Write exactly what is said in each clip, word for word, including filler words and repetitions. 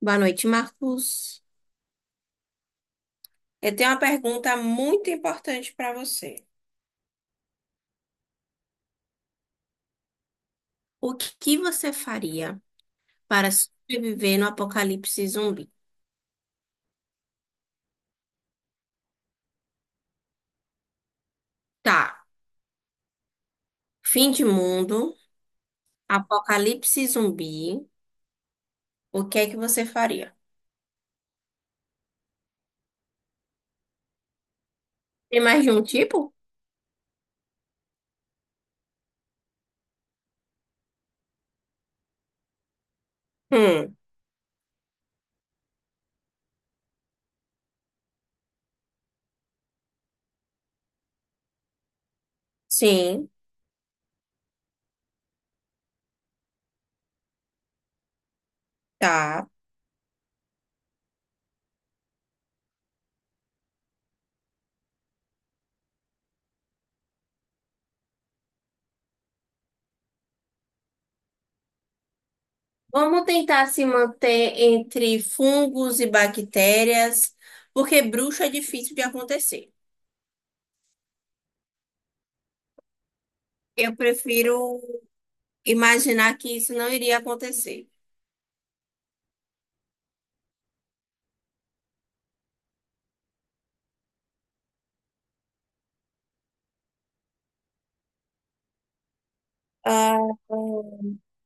Boa noite, Marcos. Eu tenho uma pergunta muito importante para você. O que você faria para sobreviver no apocalipse zumbi? Tá, fim de mundo, apocalipse zumbi. O que é que você faria? Tem mais de um tipo? Hum, sim, tá. Vamos tentar se manter entre fungos e bactérias, porque bruxo é difícil de acontecer. Eu prefiro imaginar que isso não iria acontecer. Ah,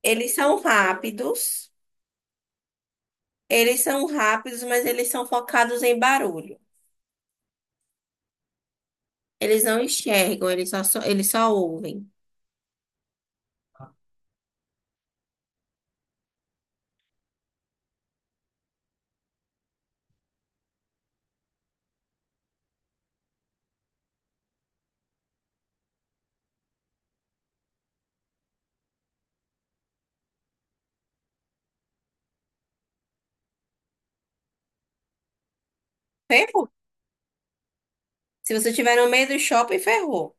eles são rápidos, eles são rápidos, mas eles são focados em barulho. Eles não enxergam, eles só, só- eles só ouvem. Ferrou. Se você estiver no meio do shopping, ferrou.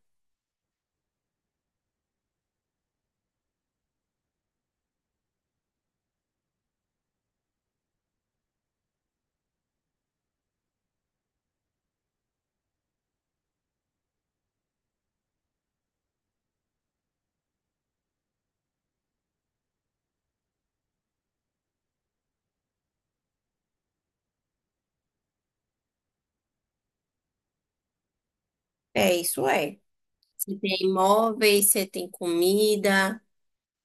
É, isso é. Você tem móveis, você tem comida,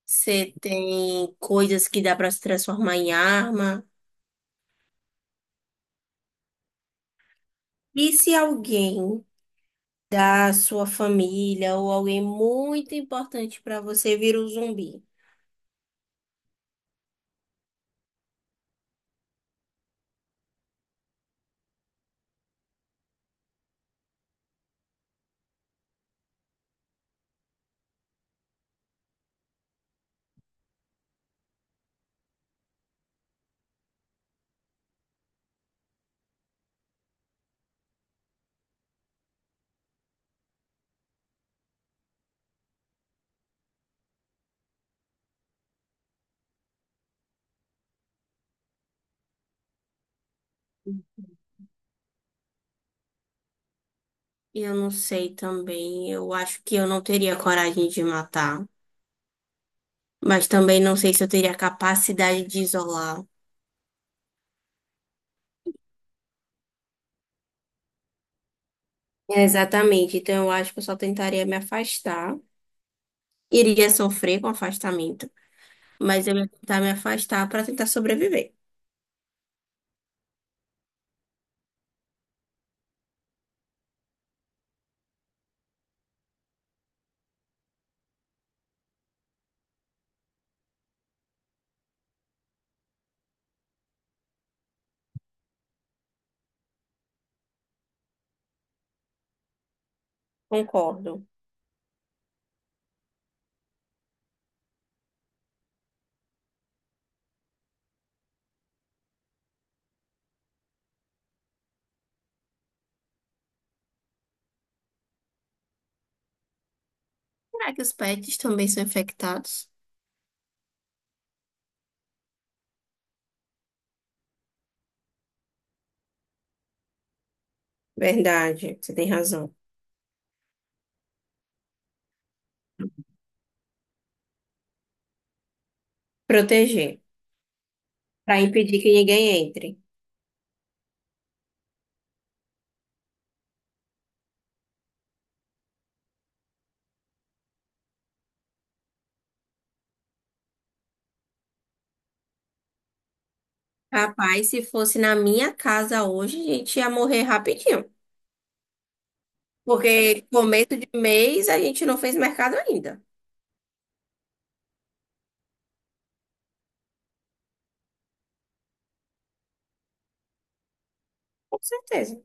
você tem coisas que dá para se transformar em arma. E se alguém da sua família ou alguém muito importante para você vira um zumbi? Eu não sei também. Eu acho que eu não teria coragem de matar. Mas também não sei se eu teria capacidade de isolar. É, exatamente. Então eu acho que eu só tentaria me afastar. Iria sofrer com afastamento. Mas eu ia tentar me afastar para tentar sobreviver. Concordo. Será que os pets também são infectados? Verdade, você tem razão. Proteger. Para impedir que ninguém entre. Rapaz, se fosse na minha casa hoje, a gente ia morrer rapidinho. Porque começo de mês a gente não fez mercado ainda. Com certeza.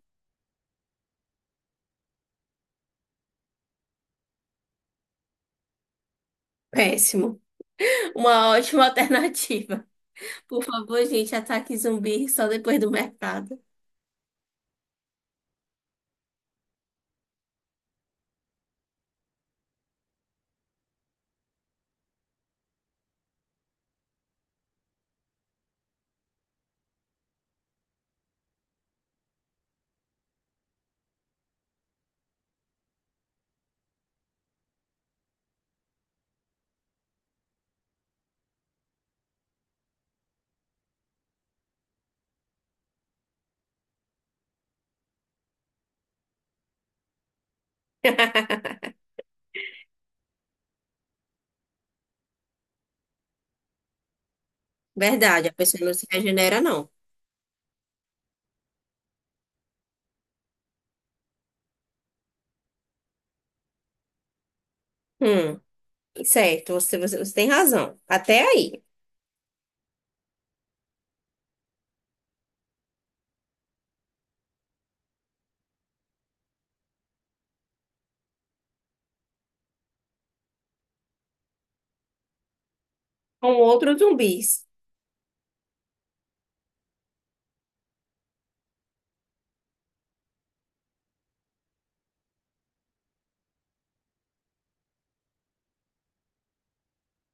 Péssimo. Uma ótima alternativa. Por favor, gente, ataque zumbi só depois do mercado. Verdade, a pessoa não se regenera, não. Hum, certo, você, você, você tem razão. Até aí. Com outros zumbis.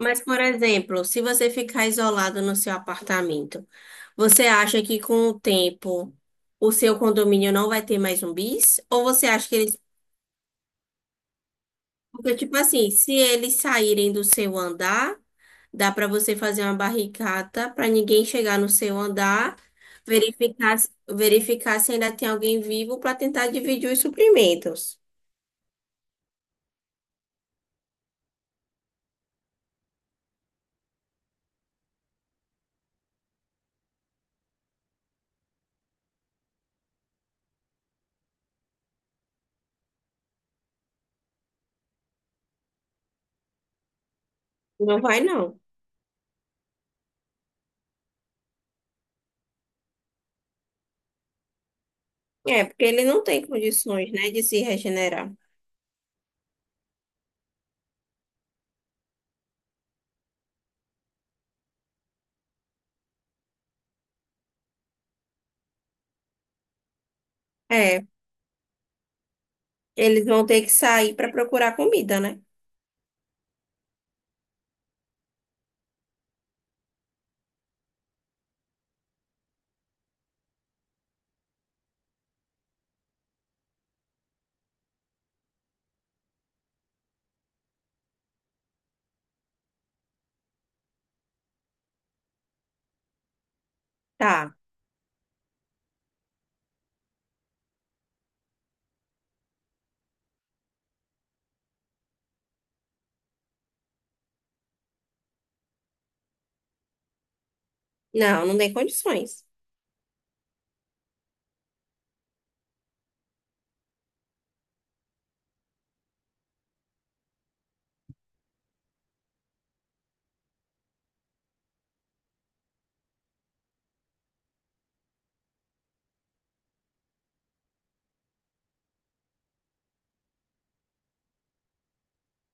Mas, por exemplo, se você ficar isolado no seu apartamento, você acha que com o tempo o seu condomínio não vai ter mais zumbis? Ou você acha que eles... Porque, tipo assim, se eles saírem do seu andar, dá para você fazer uma barricada para ninguém chegar no seu andar, verificar, verificar se ainda tem alguém vivo para tentar dividir os suprimentos. Não vai, não. É, porque ele não tem condições, né, de se regenerar. É, eles vão ter que sair para procurar comida, né? Tá. Não, não tem condições.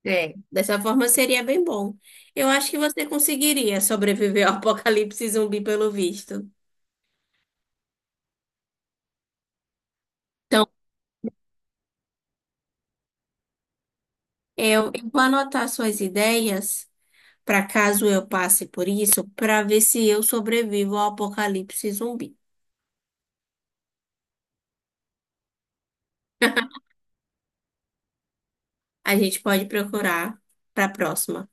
É, dessa forma seria bem bom. Eu acho que você conseguiria sobreviver ao apocalipse zumbi, pelo visto. Então, Eu, eu vou anotar suas ideias para caso eu passe por isso, para ver se eu sobrevivo ao apocalipse zumbi. A gente pode procurar para a próxima.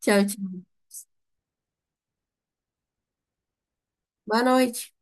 Tchau, tchau. Boa noite.